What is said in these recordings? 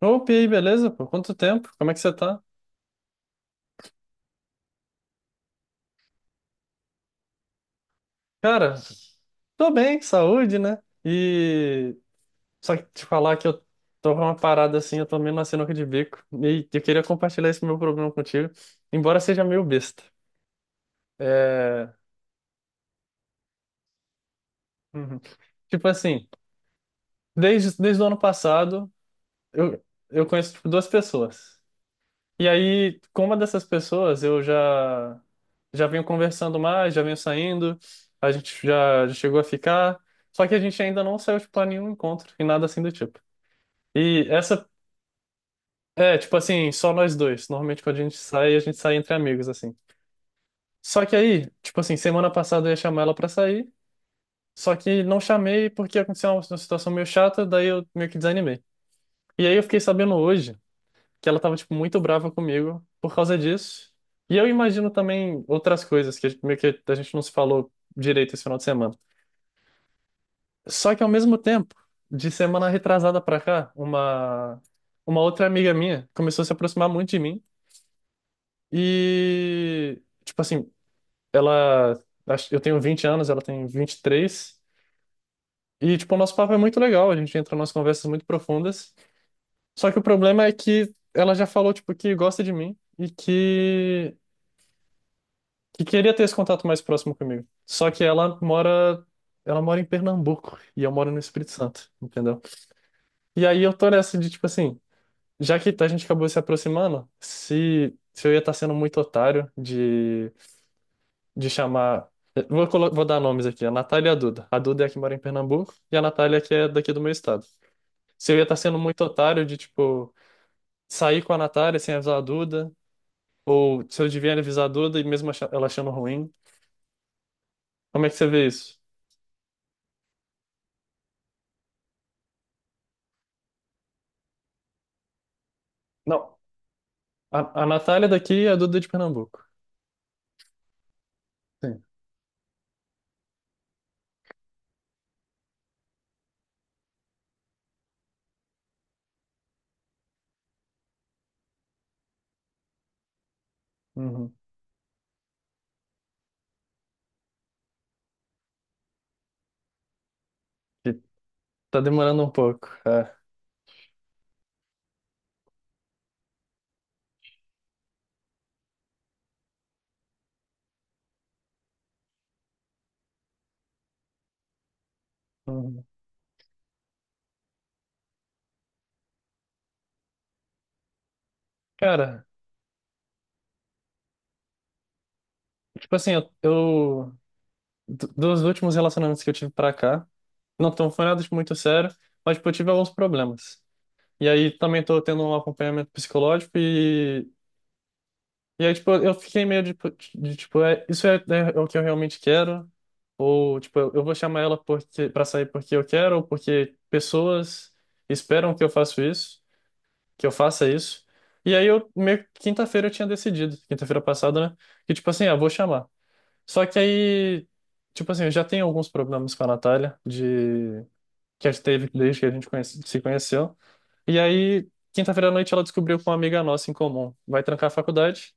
Opa, e aí, beleza? Por quanto tempo? Como é que você tá? Cara, tô bem, saúde, né? E só que te falar que eu tô com uma parada assim, eu tô meio na sinuca de bico. E eu queria compartilhar esse meu problema contigo, embora seja meio besta. É. Uhum. Tipo assim, desde o ano passado, eu, eu conheço tipo, duas pessoas. E aí, com uma dessas pessoas, eu já venho conversando mais, já venho saindo, a gente já chegou a ficar, só que a gente ainda não saiu, tipo, a nenhum encontro e nada assim do tipo. E essa É, tipo assim, só nós dois. Normalmente quando a gente sai entre amigos, assim. Só que aí, tipo assim, semana passada eu ia chamar ela pra sair, só que não chamei porque aconteceu uma situação meio chata, daí eu meio que desanimei. E aí eu fiquei sabendo hoje, que ela tava, tipo, muito brava comigo por causa disso. E eu imagino também outras coisas que meio que a gente não se falou direito esse final de semana. Só que ao mesmo tempo, de semana retrasada pra cá, uma outra amiga minha começou a se aproximar muito de mim e tipo assim, ela eu tenho 20 anos, ela tem 23 e tipo o nosso papo é muito legal, a gente entra em umas conversas muito profundas. Só que o problema é que ela já falou tipo que gosta de mim e que queria ter esse contato mais próximo comigo. Só que ela mora em Pernambuco e eu moro no Espírito Santo, entendeu? E aí eu tô nessa de tipo assim, já que a gente acabou se aproximando, se eu ia estar sendo muito otário de chamar. Vou dar nomes aqui, a Natália e a Duda. A Duda é a que mora em Pernambuco e a Natália é que é daqui do meu estado. Se eu ia estar sendo muito otário de, tipo, sair com a Natália sem avisar a Duda, ou se eu devia avisar a Duda e mesmo ela achando ruim, como é que você vê isso? Não. A Natália é daqui e a Duda é de Pernambuco. Sim. Uhum. E tá demorando um pouco. É. Uhum. Cara, tipo assim, dos últimos relacionamentos que eu tive pra cá, não tão foi nada de muito sério, mas tipo, eu tive alguns problemas. E aí também tô tendo um acompanhamento psicológico e aí tipo, eu fiquei meio de tipo, isso é o que eu realmente quero ou tipo, eu vou chamar ela porque para sair porque eu quero ou porque pessoas esperam que eu faça isso. E aí eu meio que quinta-feira eu tinha decidido, quinta-feira passada, né? Que tipo assim, ah, vou chamar. Só que aí, tipo assim, eu já tenho alguns problemas com a Natália de que a gente teve desde que a gente se conheceu. E aí, quinta-feira à noite ela descobriu com uma amiga nossa em comum, vai trancar a faculdade.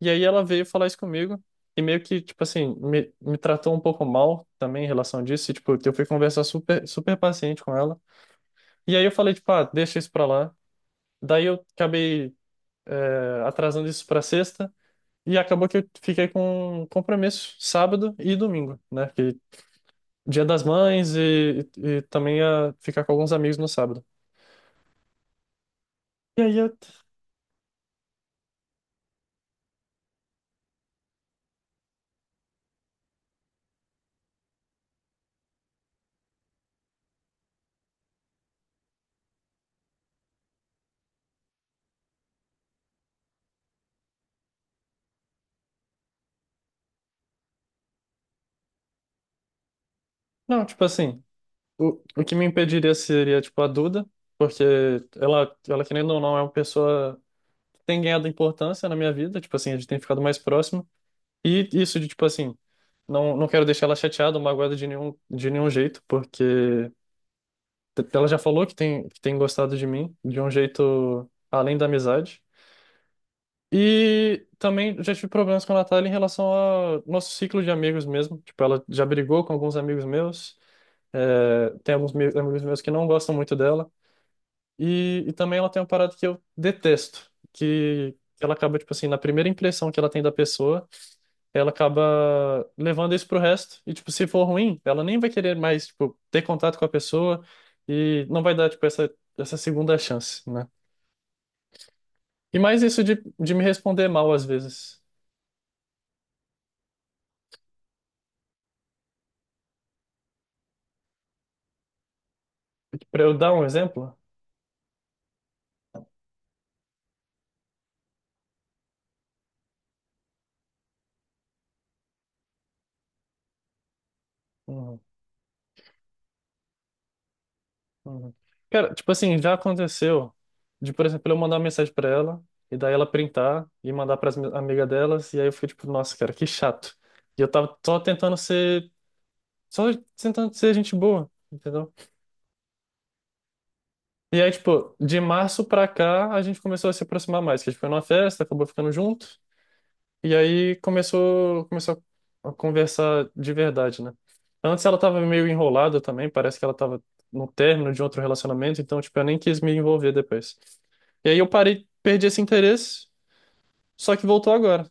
E aí ela veio falar isso comigo e meio que, tipo assim, me tratou um pouco mal também em relação disso. E, tipo, eu fui conversar super, super paciente com ela. E aí eu falei, tipo, ah, deixa isso pra lá. Daí eu acabei atrasando isso para sexta. E acabou que eu fiquei com compromisso sábado e domingo, né? Que Dia das Mães e também ia ficar com alguns amigos no sábado. E aí eu. Não, tipo assim, o que me impediria seria, tipo, a Duda, porque ela, querendo ou não, é uma pessoa que tem ganhado importância na minha vida, tipo assim, a gente tem ficado mais próximo. E isso de, tipo assim, não quero deixar ela chateada ou magoada de nenhum jeito, porque ela já falou que tem gostado de mim de um jeito além da amizade. E também já tive problemas com a Natália em relação ao nosso ciclo de amigos mesmo. Tipo, ela já brigou com alguns amigos meus. É, tem alguns amigos meus que não gostam muito dela. E também ela tem uma parada que eu detesto, que ela acaba, tipo assim, na primeira impressão que ela tem da pessoa ela acaba levando isso pro resto. E, tipo, se for ruim, ela nem vai querer mais, tipo, ter contato com a pessoa e não vai dar, tipo, essa segunda chance, né? E mais isso de me responder mal às vezes. Pra eu dar um exemplo. Uhum. Uhum. Cara, tipo assim, já aconteceu de, por exemplo, eu mandar uma mensagem pra ela e daí ela printar e mandar para as amigas delas e aí eu fico tipo, nossa, cara, que chato. E eu tava só tentando ser gente boa, entendeu? E aí, tipo, de março pra cá a gente começou a se aproximar mais, que a gente foi numa festa, acabou ficando junto e aí começou a conversar de verdade, né? Antes ela tava meio enrolada também, parece que ela tava no término de outro relacionamento, então, tipo, eu nem quis me envolver depois. E aí eu parei, perdi esse interesse, só que voltou agora,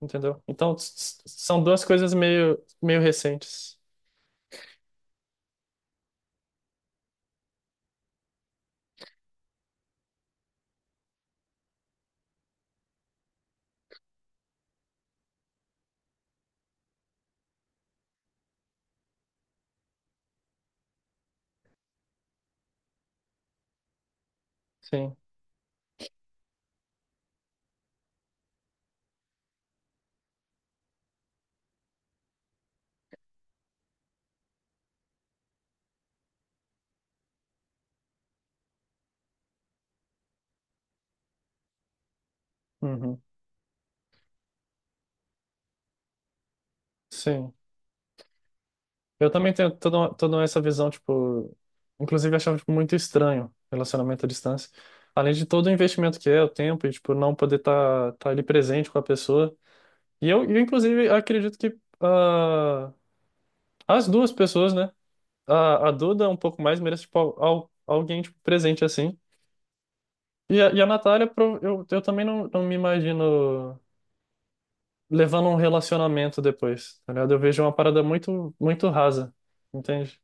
entendeu? Então são duas coisas meio, meio recentes. Sim. Uhum. Sim. Eu também tenho toda essa visão, tipo, inclusive eu achava tipo, muito estranho relacionamento à distância. Além de todo o investimento que é, o tempo, e tipo, não poder tá ali presente com a pessoa. E eu inclusive, acredito que as duas pessoas, né? A Duda um pouco mais merece, tipo, alguém tipo, presente assim. E a Natália, eu também não me imagino levando um relacionamento depois, tá ligado? Eu vejo uma parada muito, muito rasa, entende?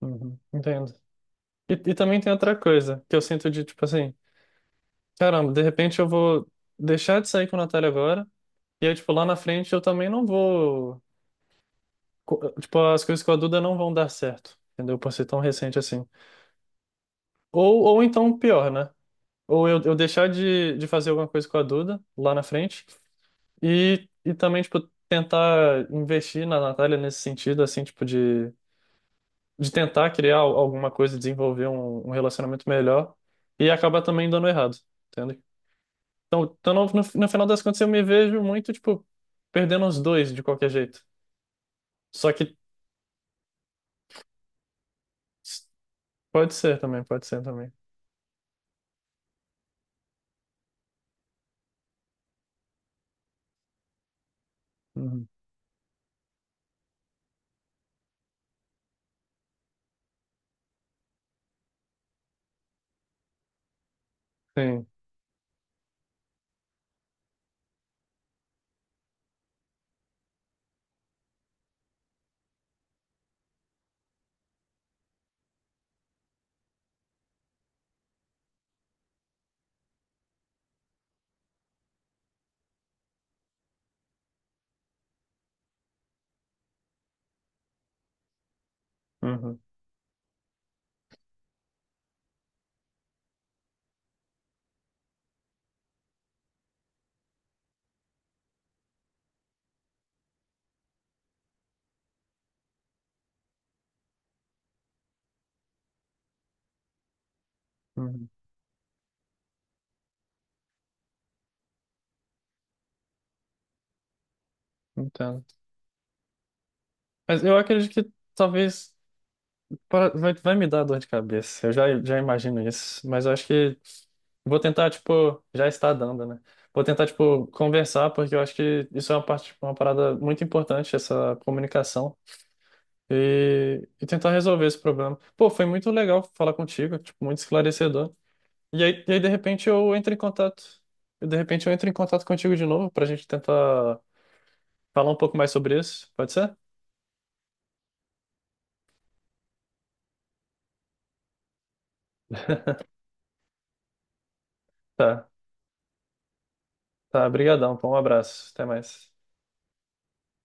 Uhum. Entendo. E também tem outra coisa que eu sinto de, tipo assim, caramba, de repente eu vou deixar de sair com a Natália agora, e aí, tipo, lá na frente eu também não vou. Tipo, as coisas com a Duda não vão dar certo, entendeu? Por ser tão recente assim. Ou então pior, né? Ou eu deixar de fazer alguma coisa com a Duda lá na frente. E também, tipo, tentar investir na Natália nesse sentido, assim, tipo, de tentar criar alguma coisa, desenvolver um relacionamento melhor e acabar também dando errado, entende? Então no final das contas, eu me vejo muito, tipo, perdendo os dois de qualquer jeito. Só que s- pode ser também, pode ser também. Uhum. Sim. Uhum. Uhum. Entendo. Mas eu acredito que talvez. Vai me dar dor de cabeça, eu já imagino isso, mas eu acho que vou tentar, tipo, já está dando, né? Vou tentar, tipo, conversar, porque eu acho que isso é uma parte, tipo, uma parada muito importante, essa comunicação, e tentar resolver esse problema. Pô, foi muito legal falar contigo, tipo, muito esclarecedor. E aí, de repente, eu entro em contato, e de repente eu entro em contato contigo de novo, pra gente tentar falar um pouco mais sobre isso, pode ser? Tá, tá, brigadão, pô, um abraço, até mais.